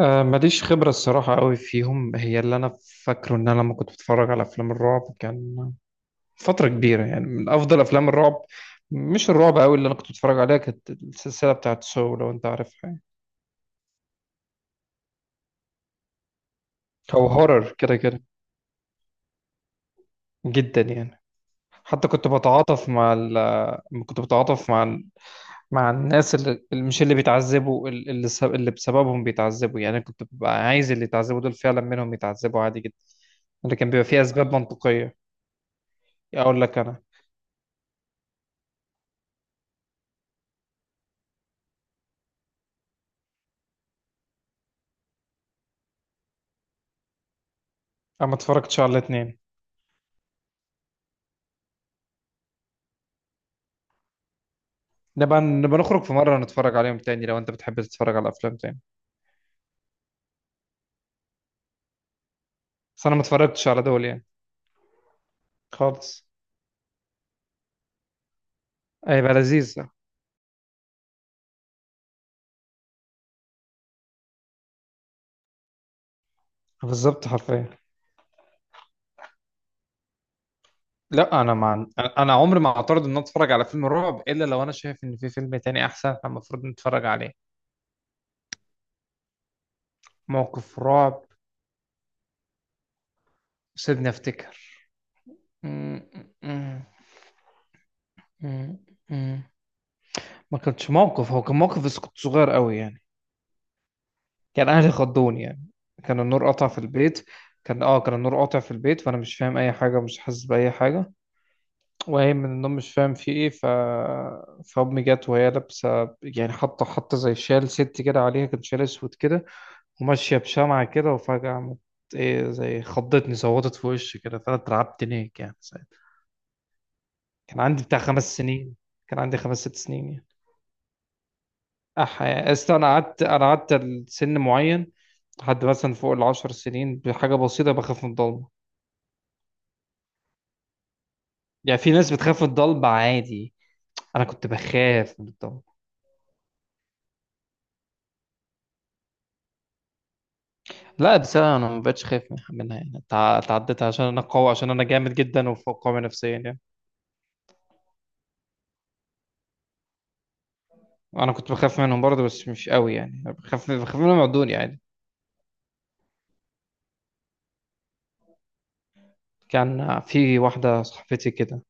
آه، ماليش خبرة الصراحة قوي فيهم. هي اللي أنا فاكره إن أنا لما كنت بتفرج على أفلام الرعب كان فترة كبيرة، يعني من أفضل أفلام الرعب، مش الرعب قوي اللي أنا كنت بتفرج عليها، كانت السلسلة بتاعت سو، لو أنت عارفها يعني، أو هورر كده كده، جدا يعني. حتى كنت بتعاطف مع الناس اللي مش اللي بيتعذبوا، اللي بسببهم بيتعذبوا يعني. أنا كنت ببقى عايز اللي يتعذبوا دول فعلا منهم يتعذبوا عادي جدا، اللي كان بيبقى فيه أسباب منطقية. أقول لك أنا، انا ما اتفرجتش على الاثنين. نبقى نخرج في مره نتفرج عليهم تاني، لو انت بتحب تتفرج على افلام تاني. بس انا ما اتفرجتش على دول يعني، خالص. هيبقى لذيذ ده. بالظبط حرفيا. لا، انا مع انا أنا عمري ما اعترض ان أنا اتفرج على فيلم رعب، الا لو انا شايف ان في فيلم تاني احسن احنا المفروض نتفرج عليه. موقف رعب؟ سيبني افتكر. م- م- م- م- م. ما كانش موقف، هو كان موقف بس كنت صغير قوي يعني. كان اهلي خضوني يعني. كان النور قطع في البيت. كان كان النور قاطع في البيت، فانا مش فاهم اي حاجه، مش حاسس باي حاجه وهي من النوم، مش فاهم في ايه. ف فامي جت وهي لابسه يعني، حاطه حاطه زي شال ست كده عليها، كان شال اسود كده، وماشيه بشمعه كده، وفجاه عملت ايه زي خضتني، صوتت في وشي كده، فانا اترعبت هناك يعني ساعتها. كان عندي بتاع خمس سنين، كان عندي خمس ست سنين يعني. أصل أنا قعدت، أنا قعدت لسن معين، لحد مثلا فوق العشر سنين بحاجة بسيطة بخاف من الضلمة. يعني في ناس بتخاف من الضلمة عادي، أنا كنت بخاف من الضلمة. لا بس أنا، أنا ما بقتش خايف منها يعني، تعديتها عشان أنا قوي، عشان أنا جامد جدا وفوق قوي نفسيا يعني. أنا كنت بخاف منهم برضه، بس مش قوي يعني، بخاف منهم، عدوني عادي. كان في واحدة صاحبتي كده،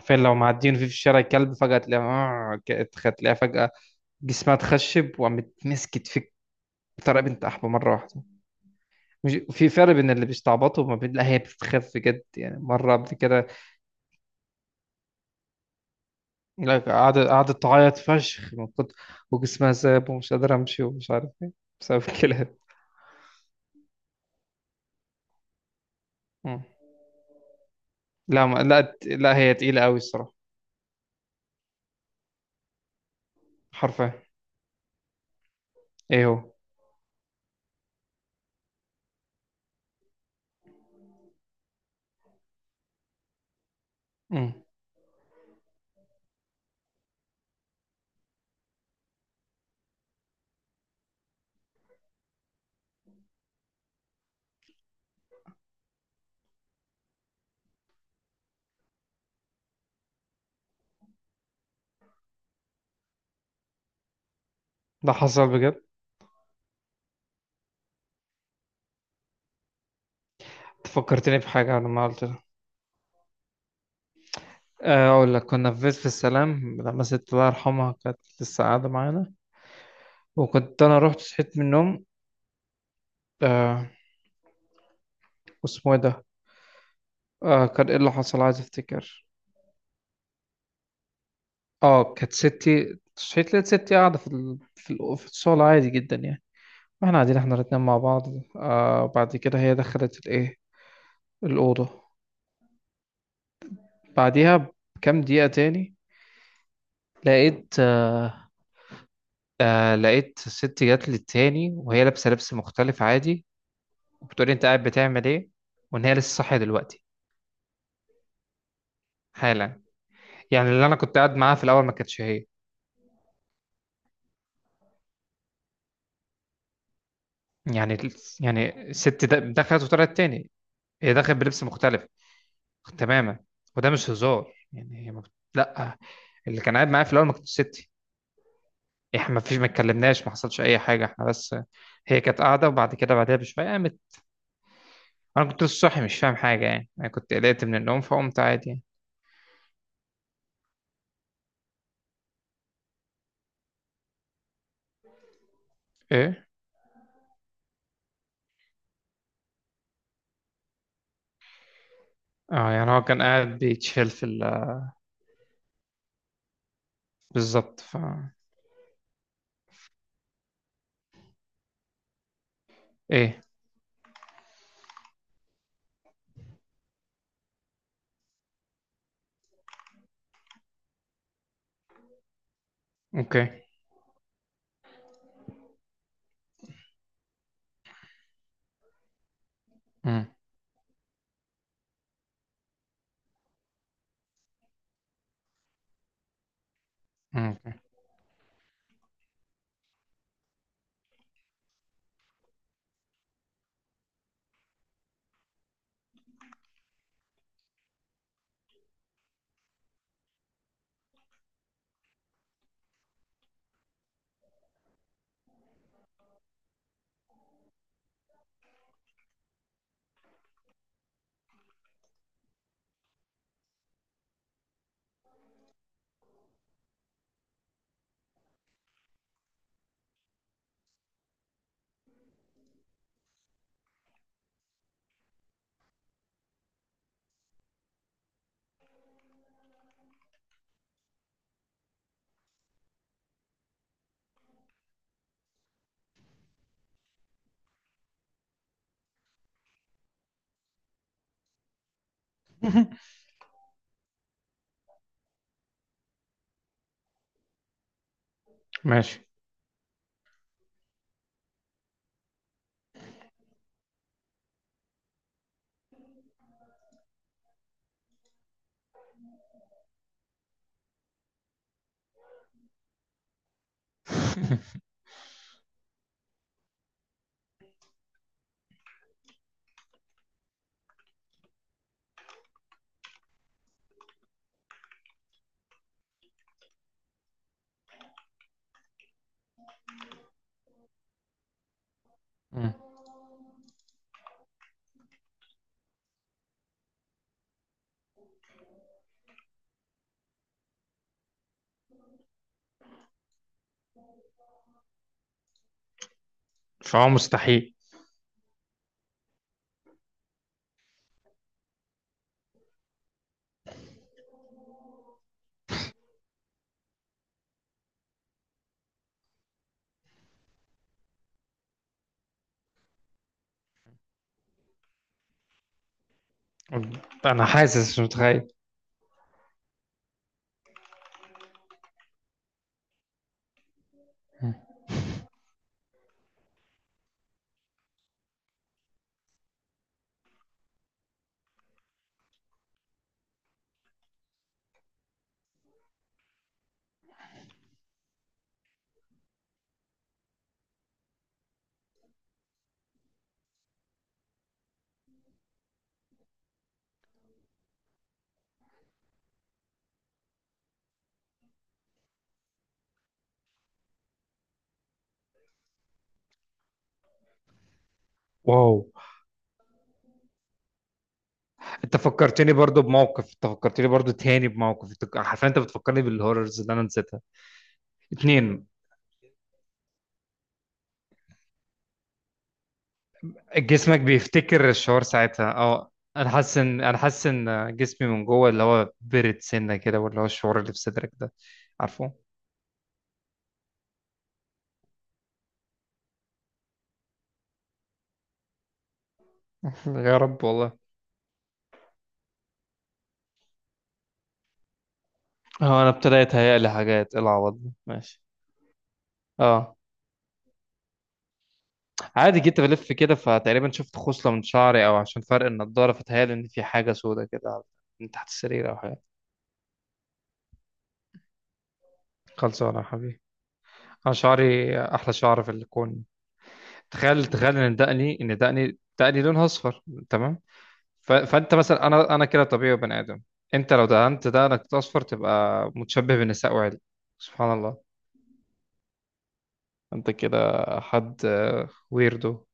فين لو معديين في الشارع كلب فجأة تلاقيها، آه، ك- تلاقيها فجأة جسمها اتخشب، وقامت مسكت في الطريقه بنت احبه مره واحده. مش في فرق بين اللي بيستعبطوا وما بين، لا، هي بتتخف بجد يعني، مره قبل كده لا، قعدت تعيط فشخ من كتر، وجسمها ساب ومش قادره امشي ومش عارف ايه، بسبب الكلاب. مم. لا، ما لا لا هي تقيله قوي الصراحه، حرفيا. ايه هو؟ مم. ده حصل بجد؟ فكرتني بحاجه لما قلت لها. آه، اقول لك، كنا في بيت في السلام لما ست الله يرحمها كانت لسه قاعده معانا، وكنت انا رحت صحيت من النوم. آه، واسمه ايه ده؟ آه، كان ايه اللي حصل، عايز افتكر. اه كانت ستي صحيت، لقيت ستي قاعدة في الشغل عادي جدا يعني، واحنا قاعدين احنا الاتنين مع بعض. آه بعد كده هي دخلت الأوضة، بعديها بكام دقيقة تاني، لقيت آه آه لقيت ستي جات لي تاني وهي لابسة لبس مختلف عادي، وبتقولي انت قاعد بتعمل ايه، وان هي لسه صاحية دلوقتي حالا. يعني اللي انا كنت قاعد معاها في الأول ما كانتش هي يعني، يعني الست دخلت وطلعت تاني. هي دخلت بلبس مختلف تماما. وده مش هزار يعني، هي ما بت... لا اللي كان قاعد معايا في الاول ما كانتش ستي. احنا ما فيش، ما اتكلمناش، ما حصلش اي حاجه، احنا بس هي كانت قاعده، وبعد كده بعدها بشويه قامت. انا كنت لسه صاحي، مش فاهم حاجه يعني، انا كنت قلقت من النوم فقمت عادي يعني. ايه. اه يعني هو كان قاعد بيتشيل في ال... بالظبط ايه. اوكي. امم. اوكي. ماشي. مم. فهو مستحيل. انا حاسس مش متخيل. مم. واو. انت فكرتني برضو بموقف، انت فكرتني برضو تاني بموقف، انت حرفيا انت بتفكرني بالهوررز اللي انا نسيتها، اتنين. جسمك بيفتكر الشعور ساعتها، اه. انا حاسس ان جسمي من جوه اللي هو برد سنه كده، واللي هو الشعور اللي في صدرك ده، عارفه. يا رب والله. اه، انا ابتديت هيئ لي حاجات. إيه العوض ده؟ ماشي. اه، عادي جيت بلف كده، فتقريبا شفت خصلة من شعري، او عشان فرق النضارة فتهيألي ان في حاجة سودة كده من تحت السرير او حاجة. خلصانه يا حبيبي. انا شعري احلى شعر في الكون. تخيل، تخيل ان دقني لونها اصفر. تمام. فانت مثلا، انا كده طبيعي بني ادم. انت لو دهنت دقنك اصفر تبقى متشبه بالنساء، وعادي. سبحان الله. انت كده حد، ويردو.